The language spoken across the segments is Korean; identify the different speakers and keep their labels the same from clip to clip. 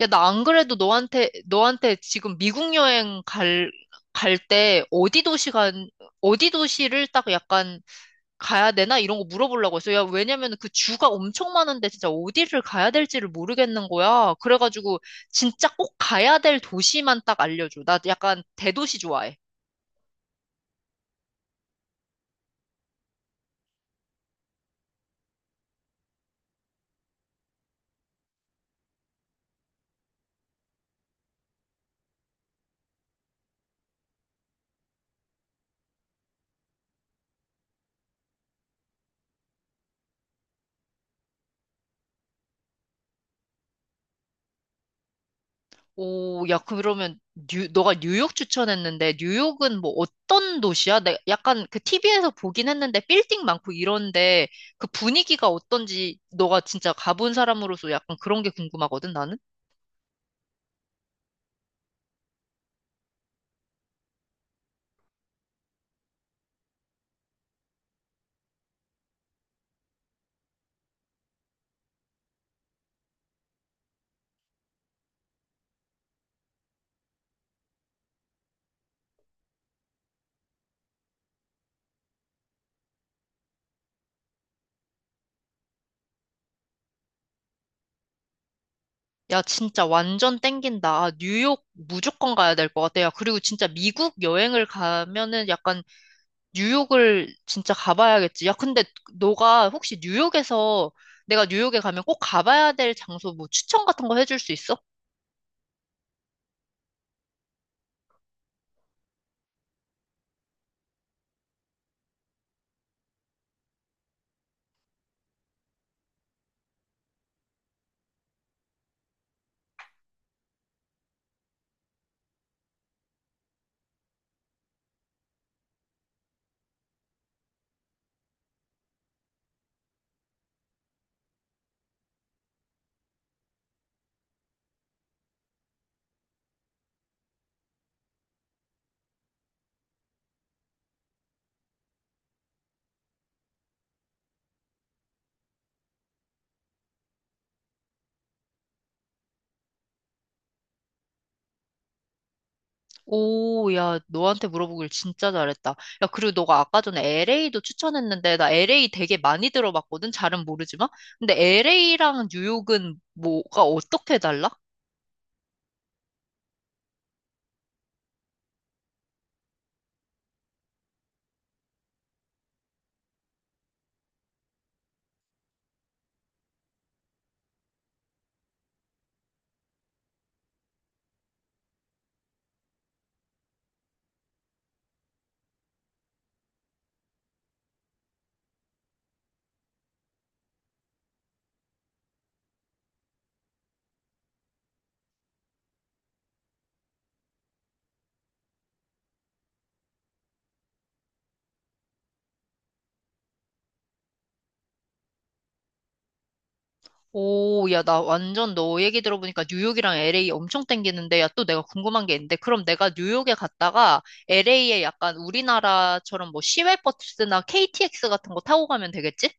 Speaker 1: 야, 나 안 그래도 너한테 지금 미국 여행 갈 때 어디 도시를 딱 약간 가야 되나? 이런 거 물어보려고 했어. 야, 왜냐면 그 주가 엄청 많은데 진짜 어디를 가야 될지를 모르겠는 거야. 그래가지고 진짜 꼭 가야 될 도시만 딱 알려줘. 나 약간 대도시 좋아해. 오, 야, 그러면 너가 뉴욕 추천했는데 뉴욕은 뭐 어떤 도시야? 내 약간 그 TV에서 보긴 했는데 빌딩 많고 이런데 그 분위기가 어떤지 너가 진짜 가본 사람으로서 약간 그런 게 궁금하거든, 나는? 야, 진짜 완전 땡긴다. 아, 뉴욕 무조건 가야 될 것 같아. 야, 그리고 진짜 미국 여행을 가면은 약간 뉴욕을 진짜 가봐야겠지. 야, 근데 너가 혹시 뉴욕에서 내가 뉴욕에 가면 꼭 가봐야 될 장소 뭐 추천 같은 거 해줄 수 있어? 오, 야, 너한테 물어보길 진짜 잘했다. 야, 그리고 너가 아까 전에 LA도 추천했는데, 나 LA 되게 많이 들어봤거든? 잘은 모르지만. 근데 LA랑 뉴욕은 뭐가 어떻게 달라? 오, 야, 나 완전 너 얘기 들어보니까 뉴욕이랑 LA 엄청 땡기는데, 야, 또 내가 궁금한 게 있는데, 그럼 내가 뉴욕에 갔다가 LA에 약간 우리나라처럼 뭐 시외버스나 KTX 같은 거 타고 가면 되겠지?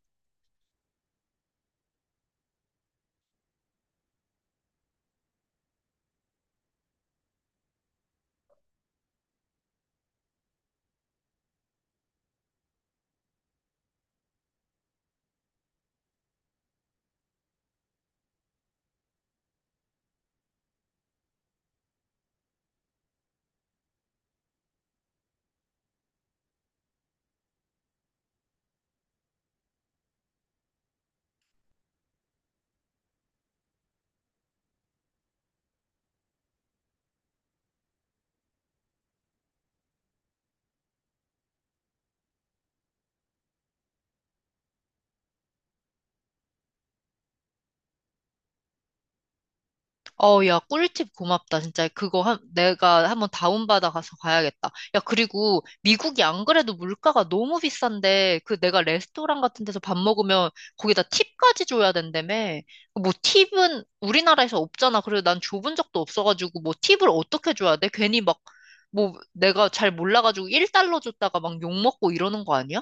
Speaker 1: 어, 야, 꿀팁 고맙다. 진짜 그거 내가 한번 다운받아 가서 가야겠다. 야, 그리고 미국이 안 그래도 물가가 너무 비싼데 그 내가 레스토랑 같은 데서 밥 먹으면 거기다 팁까지 줘야 된다며. 뭐 팁은 우리나라에서 없잖아. 그리고 난 줘본 적도 없어가지고 뭐 팁을 어떻게 줘야 돼? 괜히 막 뭐 내가 잘 몰라가지고 1달러 줬다가 막 욕먹고 이러는 거 아니야?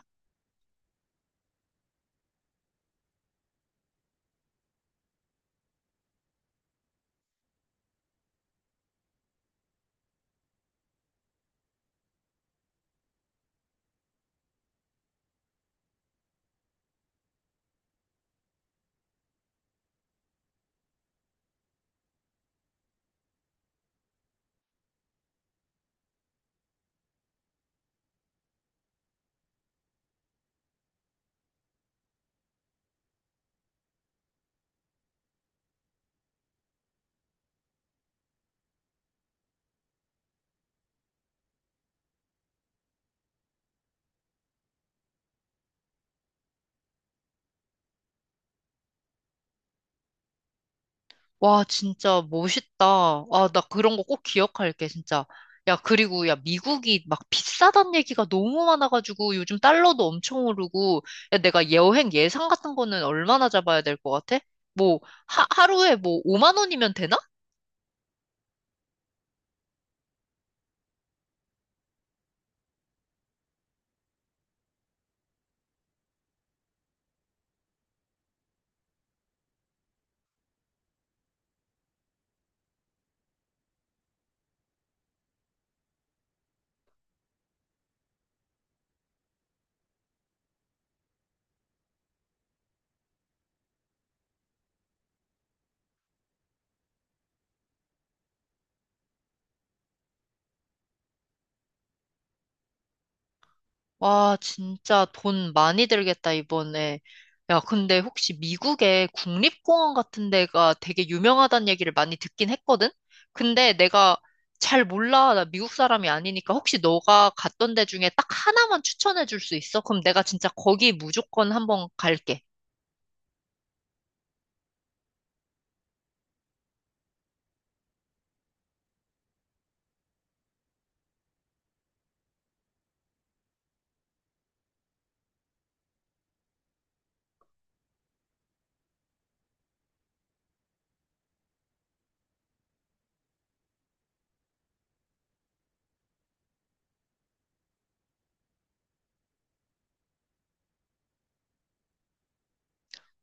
Speaker 1: 와, 진짜 멋있다. 아, 나 그런 거 꼭 기억할게, 진짜. 야, 그리고 야, 미국이 막 비싸단 얘기가 너무 많아가지고 요즘 달러도 엄청 오르고, 야, 내가 여행 예상 같은 거는 얼마나 잡아야 될 것 같아? 뭐, 하루에 뭐 5만 원이면 되나? 와, 진짜 돈 많이 들겠다, 이번에. 야, 근데 혹시 미국에 국립공원 같은 데가 되게 유명하다는 얘기를 많이 듣긴 했거든? 근데 내가 잘 몰라. 나 미국 사람이 아니니까 혹시 너가 갔던 데 중에 딱 하나만 추천해 줄 수 있어? 그럼 내가 진짜 거기 무조건 한번 갈게.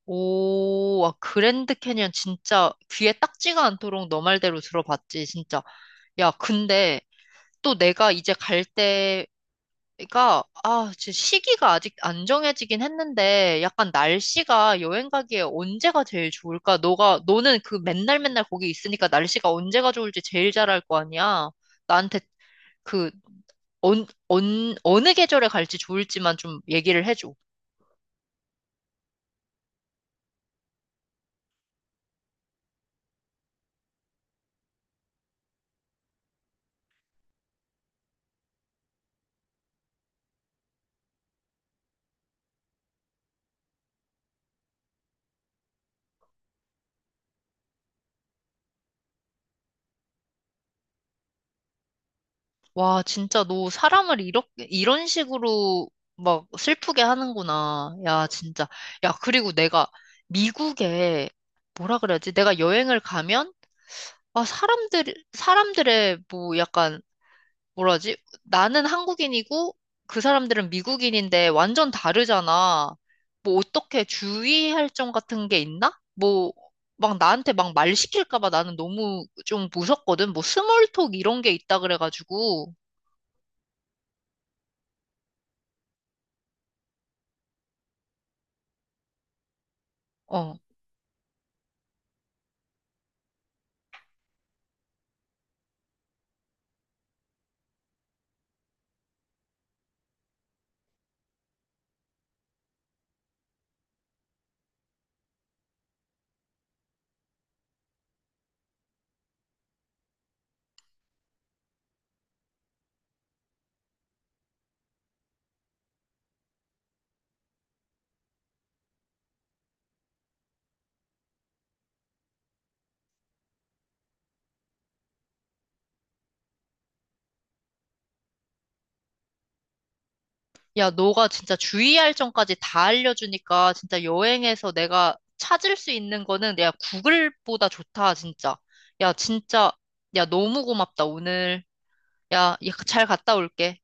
Speaker 1: 오, 와, 그랜드 캐니언 진짜 귀에 딱지가 않도록 너 말대로 들어봤지, 진짜. 야, 근데 또 내가 이제 갈때 그러니까 아, 지 시기가 아직 안 정해지긴 했는데 약간 날씨가 여행 가기에 언제가 제일 좋을까? 너가 너는 그 맨날 맨날 거기 있으니까 날씨가 언제가 좋을지 제일 잘 알 거 아니야. 나한테 그 어느 계절에 갈지 좋을지만 좀 얘기를 해줘. 와, 진짜 너 사람을 이렇게 이런 식으로 막 슬프게 하는구나. 야, 진짜. 야, 그리고 내가 미국에 뭐라 그래야지? 내가 여행을 가면 아, 사람들, 사람들의 뭐 약간, 뭐라지? 나는 한국인이고 그 사람들은 미국인인데 완전 다르잖아. 뭐 어떻게 주의할 점 같은 게 있나? 뭐, 막 나한테 막 말 시킬까 봐 나는 너무 좀 무섭거든. 뭐 스몰톡 이런 게 있다 그래가지고, 어. 야, 너가 진짜 주의할 점까지 다 알려주니까 진짜 여행에서 내가 찾을 수 있는 거는 내가 구글보다 좋다, 진짜. 야, 진짜, 야, 너무 고맙다, 오늘. 야, 야, 잘 갔다 올게.